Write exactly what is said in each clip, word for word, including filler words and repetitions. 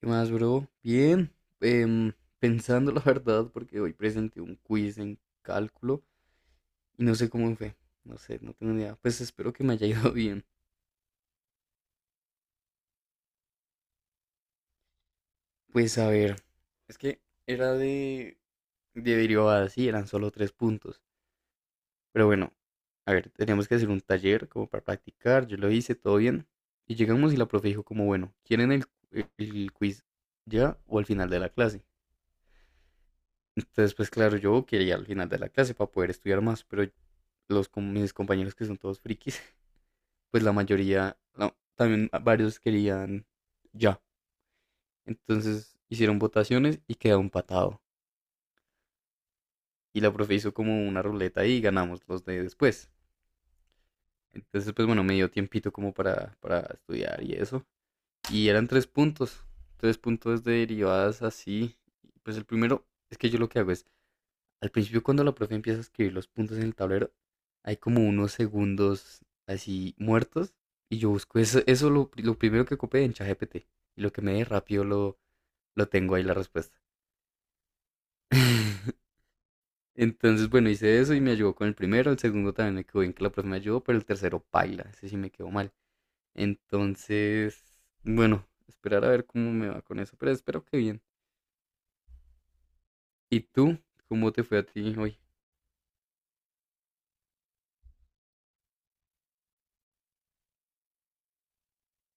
¿Qué más, bro? Bien, em, pensando la verdad, porque hoy presenté un quiz en cálculo y no sé cómo me fue. No sé, no tengo ni idea. Pues espero que me haya ido bien. Pues a ver, es que era de, de derivadas, sí, eran solo tres puntos. Pero bueno, a ver, teníamos que hacer un taller como para practicar. Yo lo hice, todo bien. Y llegamos y la profe dijo como, bueno, ¿quieren el, el quiz ya o al final de la clase? Entonces, pues claro, yo quería al final de la clase para poder estudiar más, pero los, con mis compañeros que son todos frikis, pues la mayoría, no, también a- varios querían ya. Entonces hicieron votaciones y quedó empatado. Y la profe hizo como una ruleta y ganamos los de después. Entonces, pues bueno, me dio tiempito como para, para estudiar y eso. Y eran tres puntos, tres puntos de derivadas así. Pues el primero es que yo lo que hago es. Al principio, cuando la profe empieza a escribir los puntos en el tablero, hay como unos segundos así muertos. Y yo busco eso, eso lo, lo primero que ocupé en ChatGPT. Y lo que me dé rápido lo, lo tengo ahí la respuesta. Entonces, bueno, hice eso y me ayudó con el primero. El segundo también me quedó bien que la profe me ayudó, pero el tercero paila. Ese sí me quedó mal. Entonces, bueno, esperar a ver cómo me va con eso. Pero espero que bien. ¿Y tú? ¿Cómo te fue a ti hoy?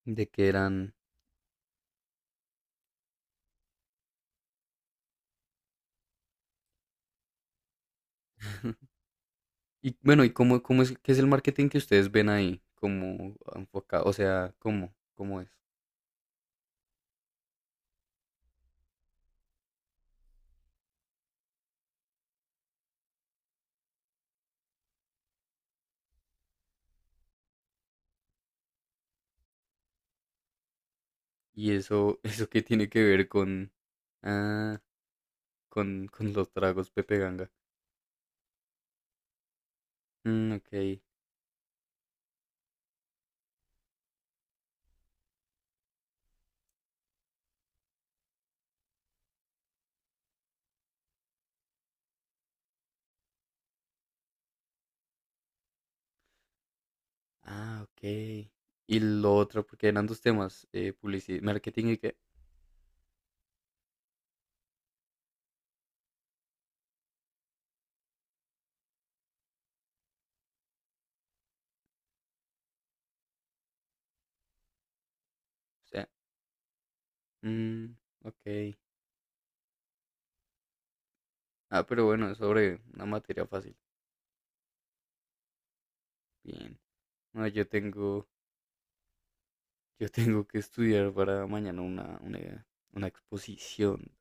¿De qué eran? Y bueno, ¿y cómo, cómo es, qué es el marketing que ustedes ven ahí? ¿Cómo enfocado? O sea, ¿cómo, cómo es? Y eso, eso qué tiene que ver con, ah, con, con los tragos Pepe Ganga. Mm, ok. Ah, ok. Y lo otro, porque eran dos temas, eh, publicidad, marketing y qué. O sea, mm, ok. Ah, pero bueno, es sobre una materia fácil. Bien. No, yo tengo, yo tengo que estudiar para mañana una, una, una exposición.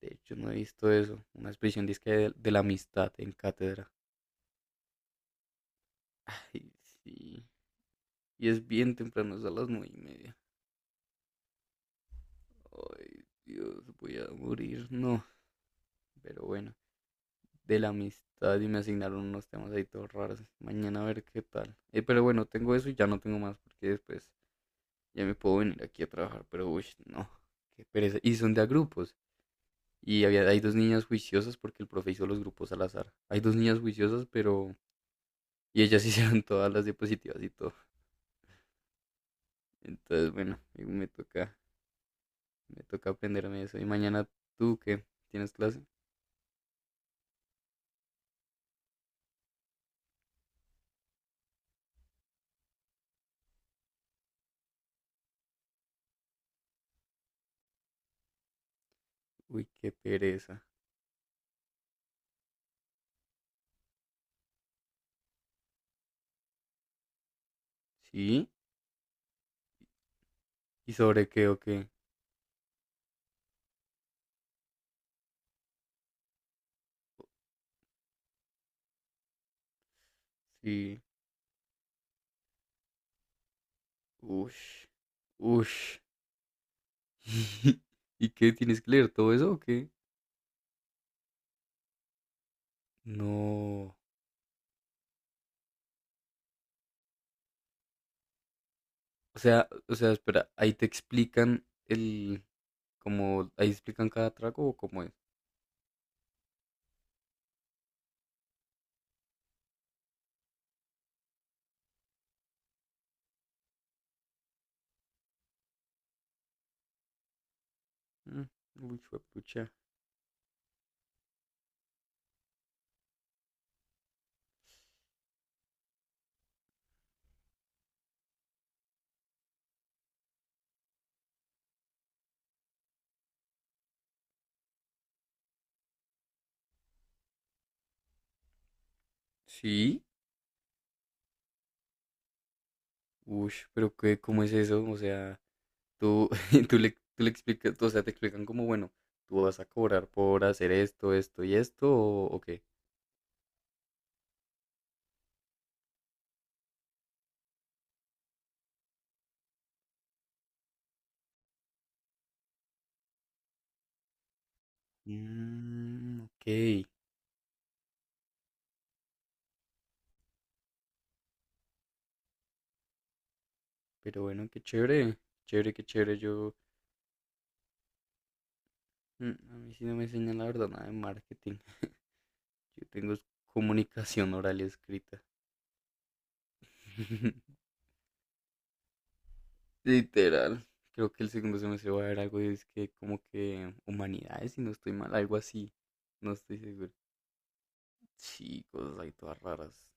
De hecho, no he visto eso. Una expresión disque de, de la amistad en cátedra. Ay, sí. Y es bien temprano, es a las nueve y media. Ay, Dios, voy a morir. No, pero bueno. De la amistad y me asignaron unos temas ahí todos raros. Mañana a ver qué tal. Eh, pero bueno, tengo eso y ya no tengo más porque después ya me puedo venir aquí a trabajar. Pero uy, no. Qué pereza. Y son de a grupos. Y había, hay dos niñas juiciosas porque el profe hizo los grupos al azar. Hay dos niñas juiciosas, pero... Y ellas hicieron todas las diapositivas y todo. Entonces, bueno, me toca, me toca aprenderme eso. Y mañana tú qué tienes clase. Uy, qué pereza. ¿Sí? ¿Y sobre qué o qué? Sí. Ush. Ush. ¿Y qué? ¿Tienes que leer todo eso o qué? No. O sea, o sea, espera, ahí te explican el, como, ahí explican cada trago o cómo es. Mm. Uy, pucha. ¿Sí? Uy, pero qué, ¿cómo es eso? O sea, tú, tú le, tú le explicas, tú, o sea, te explican como, bueno, tú vas a cobrar por hacer esto, esto y esto, o, o qué. Mm, ok, pero bueno, qué chévere, chévere, qué chévere. Yo, mm, a mí sí no me enseñan la verdad nada de marketing. Yo tengo es comunicación oral y escrita. Literal. Creo que el segundo semestre va a haber algo, es que como que humanidades, si no estoy mal, algo así. No estoy seguro. Sí, cosas ahí todas raras.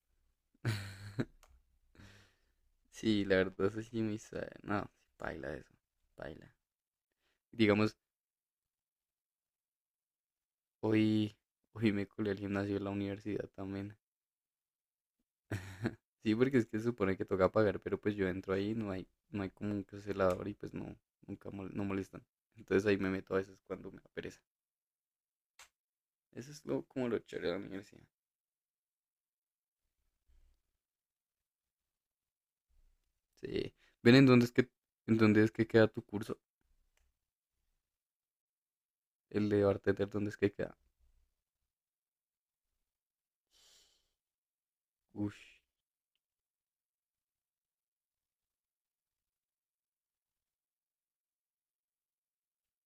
Sí, la verdad, eso sí, muy suave. No, baila eso, baila. Digamos, hoy, hoy me colé al gimnasio de la universidad también. Sí, porque es que se supone que toca pagar, pero pues yo entro ahí, no hay, no hay como un celador y pues no, nunca mol- no molestan. Entonces ahí me meto a veces cuando me da pereza. Eso es lo, como lo chévere de la universidad. Sí. Ven, ¿en dónde es que, ¿en dónde es que queda tu curso? El de bartender, ¿dónde es que queda? Uy,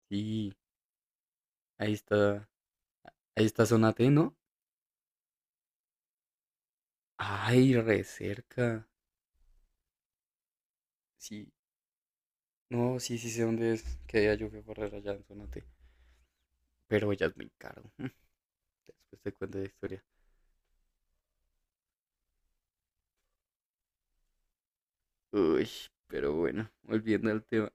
sí, ahí está, ahí está zona T, ¿no? Ay, re cerca. Sí, no, sí, sí sé dónde es. Que día yo fui a correr allá en Zona. Pero ya es muy caro. Después te cuento la historia. Uy, pero bueno, volviendo al tema.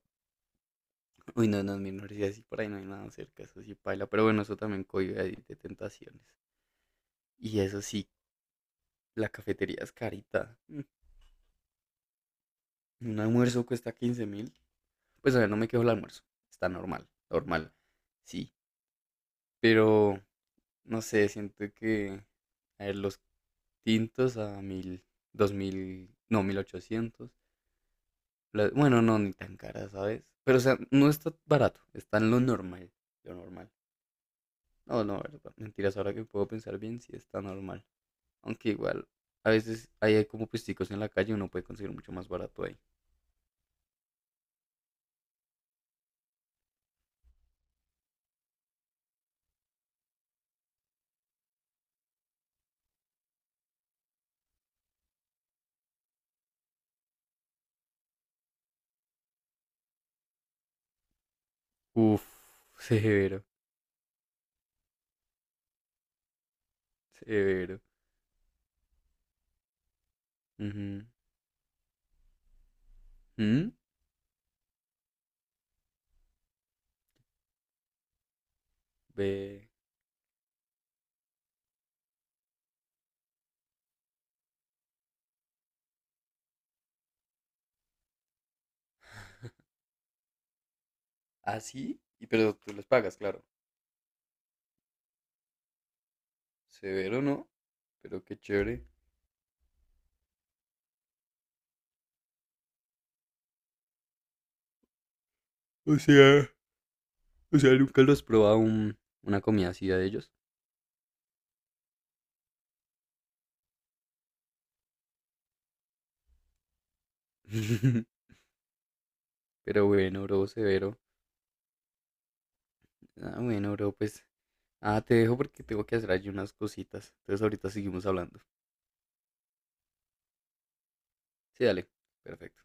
Uy, no, no, en mi universidad sí por ahí no hay nada cerca, eso sí paila. Pero bueno, eso también cohibe ahí de tentaciones. Y eso sí, la cafetería es carita. Mm. Un almuerzo cuesta quince mil. Pues a ver, no me quejo el almuerzo. Está normal, normal. Sí, pero no sé, siento que. A ver, los tintos a mil, dos mil, no, mil ochocientos. La- bueno, no, ni tan cara, ¿sabes? Pero, o sea, no está barato, está en lo normal, lo normal. No, no, verdad, mentiras, ahora que puedo pensar bien, sí está normal. Aunque igual, a veces hay como puesticos en la calle, uno puede conseguir mucho más barato ahí. Uf, severo, severo. Ujú. ¿Mm? Ve. Ah, sí, y pero tú los pagas, claro. Severo, ¿no? Pero qué chévere. O sea, o sea, nunca los has probado un- una comida así de ellos. Pero bueno, bro, severo. Ah, bueno, bro, pues. Ah, te dejo porque tengo que hacer allí unas cositas. Entonces ahorita seguimos hablando. Sí, dale. Perfecto.